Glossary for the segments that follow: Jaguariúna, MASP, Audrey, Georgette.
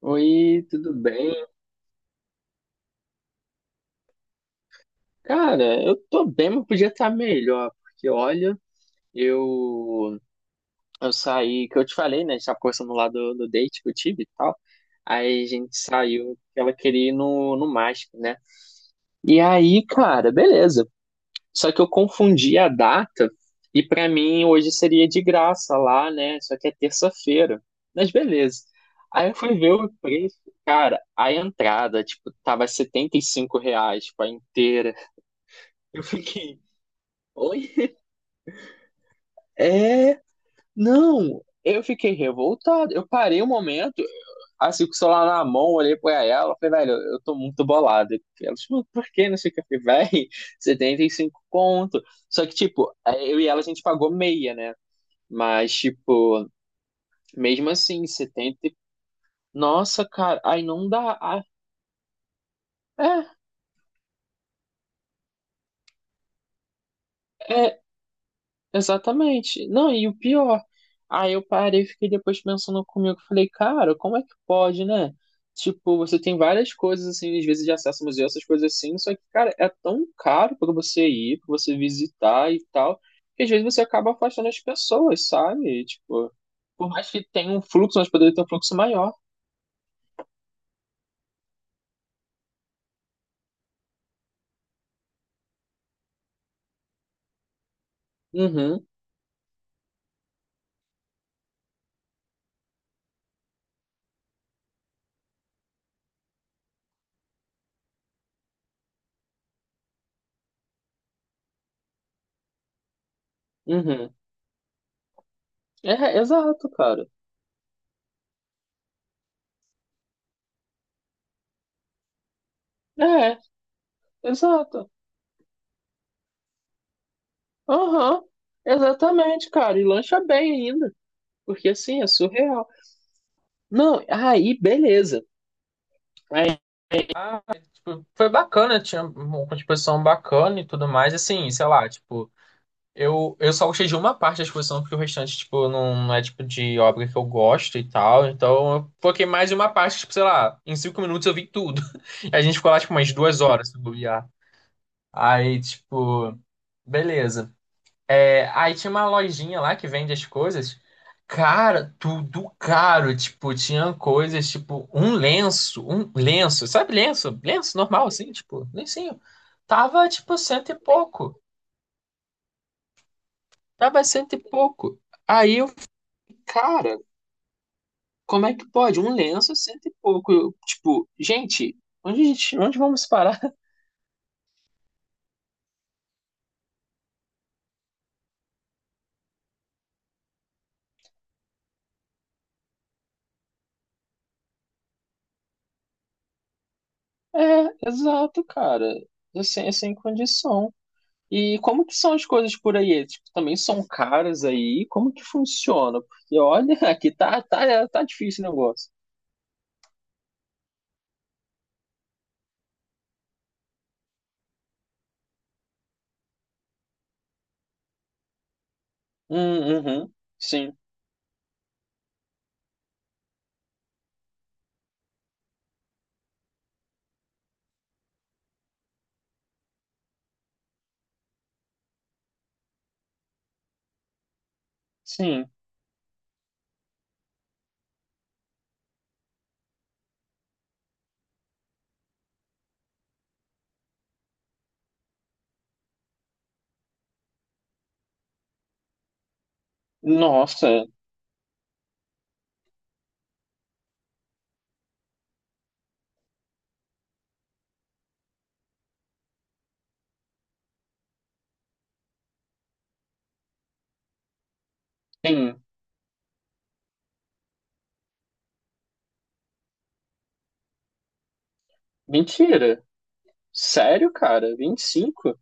Oi, tudo bem? Cara, eu tô bem, mas podia estar melhor, porque olha, eu eu saí, que eu te falei, né? A gente tava conversando lá do date que eu tive e tal. Aí a gente saiu, porque ela queria ir no MASP, né? E aí, cara, beleza. Só que eu confundi a data e pra mim hoje seria de graça lá, né? Só que é terça-feira. Mas beleza. Aí eu fui ver o preço, cara, a entrada, tipo, tava R$ 75, tipo, a inteira. Eu fiquei, oi? É, não. Eu fiquei revoltado. Eu parei um momento, assim, com o celular na mão, olhei pra ela, falei, velho, eu tô muito bolado. Ela, tipo, por que não sei o que? Eu falei, velho, 75 conto. Só que, tipo, é, eu e ela a gente pagou meia, né? Mas, tipo, mesmo assim, 75- Nossa, cara, aí não dá. Ah, é, é, exatamente. Não, e o pior, aí eu parei e fiquei depois pensando comigo, falei, cara, como é que pode, né? Tipo, você tem várias coisas assim, às vezes de acesso ao museu, essas coisas assim, só que, cara, é tão caro pra você ir, pra você visitar e tal, que às vezes você acaba afastando as pessoas, sabe? Tipo, por mais que tenha um fluxo, mas poderia ter um fluxo maior. Uhum, uhum. É, exato, cara. É, exato. Aham, exatamente, cara. E lancha bem ainda. Porque assim, é surreal. Não, aí beleza. Aí, ah, tipo, foi bacana, tinha uma exposição bacana e tudo mais. Assim, sei lá, tipo, eu só gostei de uma parte da exposição, porque o restante, tipo, não, não é tipo de obra que eu gosto e tal. Então, eu foquei mais em uma parte, tipo, sei lá, em 5 minutos eu vi tudo. E a gente ficou lá, tipo, umas 2 horas se bobear. Aí, tipo, beleza. É, aí tinha uma lojinha lá que vende as coisas. Cara, tudo caro. Tipo, tinha coisas, tipo, um lenço, sabe lenço? Lenço normal, assim, tipo, lencinho. Tava, tipo, cento e pouco. Tava cento e pouco. Aí eu, cara, como é que pode? Um lenço, cento e pouco. Eu, tipo, gente, onde, a gente- onde vamos parar? É, exato, cara. Assim, é sem condição. E como que são as coisas por aí? Tipo, também são caras aí? Como que funciona? Porque olha, aqui tá difícil o negócio. Uhum, sim, sim. Nossa, sim. Mentira. Sério, cara? 25?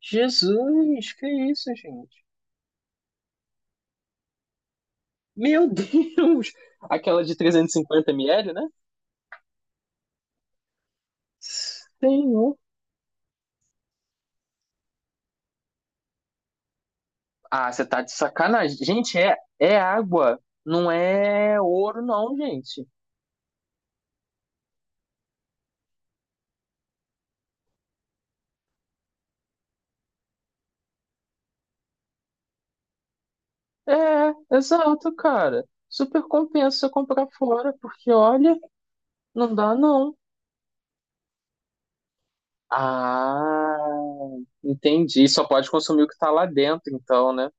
Jesus, que isso, gente? Meu Deus! Aquela de 350 ml, né? Senhor. Ah, você tá de sacanagem. Gente, é, é água. Não é ouro, não, gente. É, exato, cara. Super compensa comprar fora, porque olha, não dá não. Ah, entendi. Só pode consumir o que tá lá dentro, então, né?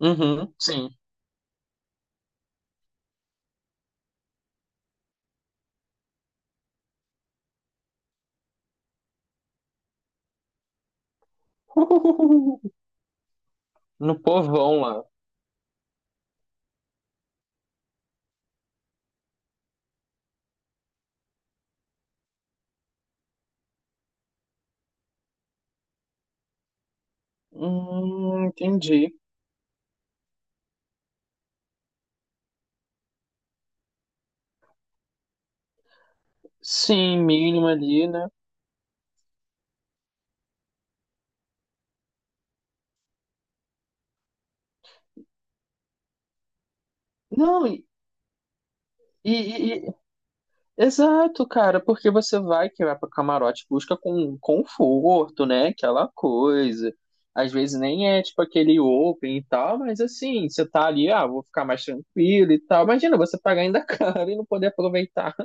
Uhum, sim. No povão lá. Entendi. Sim, mínimo ali, né? Não, e, exato, cara, porque você vai que vai para camarote busca com conforto, né? Aquela coisa. Às vezes nem é tipo aquele open e tal, mas assim, você tá ali, ah, vou ficar mais tranquilo e tal. Imagina você pagar ainda caro e não poder aproveitar.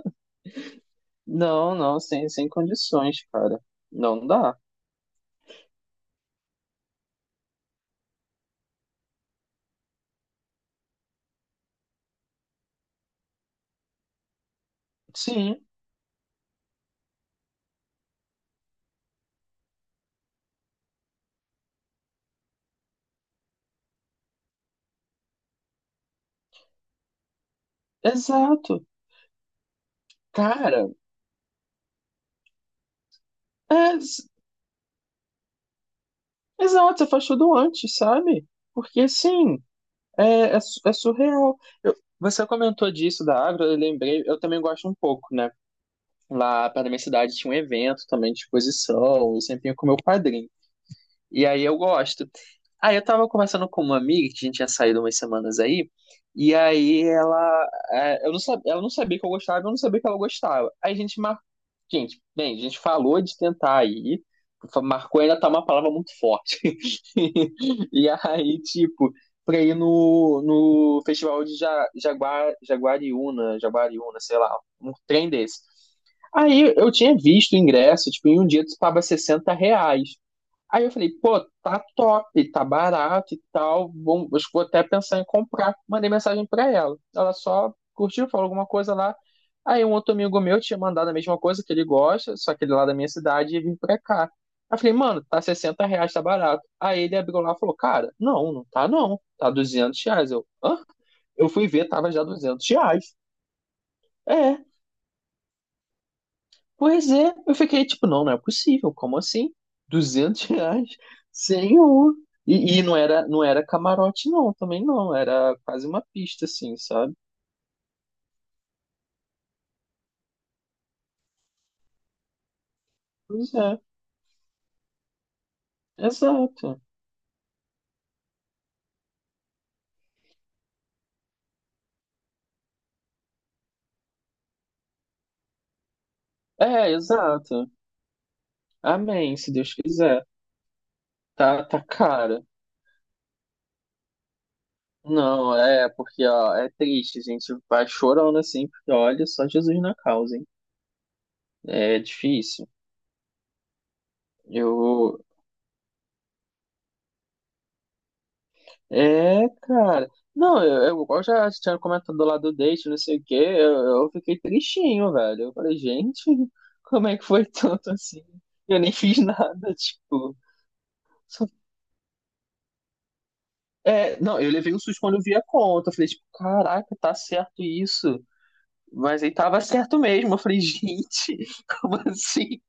Não, não, sem, sem condições, cara. Não dá. Sim, exato. Cara, é, s- exato, você faz tudo antes, sabe? Porque assim, é, é, su- é surreal. Eu- você comentou disso da Agro, eu lembrei, eu também gosto um pouco, né? Lá perto da minha cidade tinha um evento também de exposição, eu sempre ia com meu padrinho. E aí eu gosto. Aí eu tava conversando com uma amiga que a gente tinha saído umas semanas aí, e aí ela, é, eu não sabia, ela não sabia que eu gostava, eu não sabia que ela gostava. Aí a gente gente, bem, a gente falou de tentar aí, marcou ainda tá uma palavra muito forte. E aí, tipo, pra ir no festival de Jaguariúna, sei lá, um trem desse. Aí eu tinha visto o ingresso, tipo, em um dia tu paga 60 reais. Aí eu falei, pô, tá top, tá barato e tal, bom, acho que vou até pensar em comprar. Mandei mensagem pra ela. Ela só curtiu, falou alguma coisa lá. Aí um outro amigo meu tinha mandado a mesma coisa que ele gosta, só que ele é lá da minha cidade e vim pra cá. Aí eu falei, mano, tá 60 reais, tá barato. Aí ele abriu lá e falou, cara, não, não tá não, tá 200 reais. Eu, hã? Eu fui ver, tava já 200 reais. É, pois é, eu fiquei tipo, não, não é possível, como assim? 200 reais? Senhor! E não era, não era camarote, não, também não, era quase uma pista, assim, sabe? Pois é, exato. É, exato. Amém, se Deus quiser. Tá, tá cara. Não, é, porque, ó, é triste, a gente vai chorando assim, porque olha só Jesus na causa, hein? É difícil. Eu, é, cara. Não, igual já tinha comentado lá do date, não sei o quê, eu fiquei tristinho, velho. Eu falei, gente, como é que foi tanto assim? Eu nem fiz nada, tipo. Só- é, não, eu levei um susto quando eu vi a conta. Eu falei, tipo, caraca, tá certo isso. Mas aí tava certo mesmo. Eu falei, gente, como assim?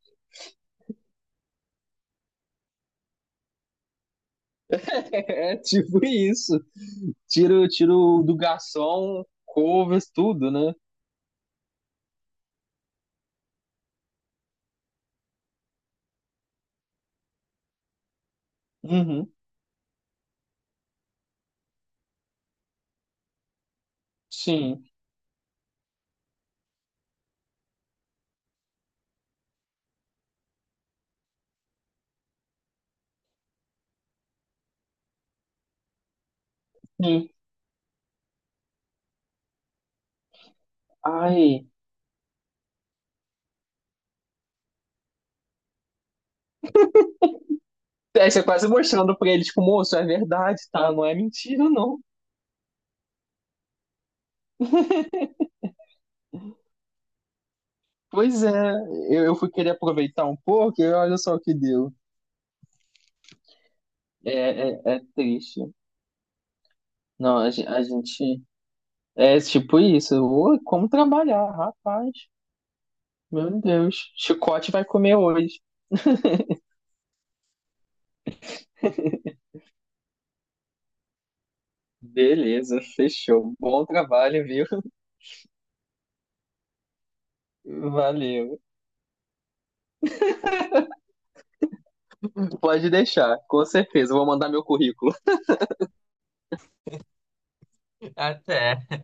É, tipo isso. Tiro do garçom, covers, tudo, né? Uhum, sim. Sim. Ai. É, você quase mostrando pra ele, tipo, moço, é verdade, tá? Não é mentira, não. Pois é, eu fui querer aproveitar um pouco e olha só o que deu. É, é, é triste. Não, a, gen- a gente. É tipo isso. Ô, como trabalhar, rapaz? Meu Deus. Chicote vai comer hoje. Beleza, fechou. Bom trabalho, viu? Valeu. Pode deixar, com certeza. Eu vou mandar meu currículo. Até.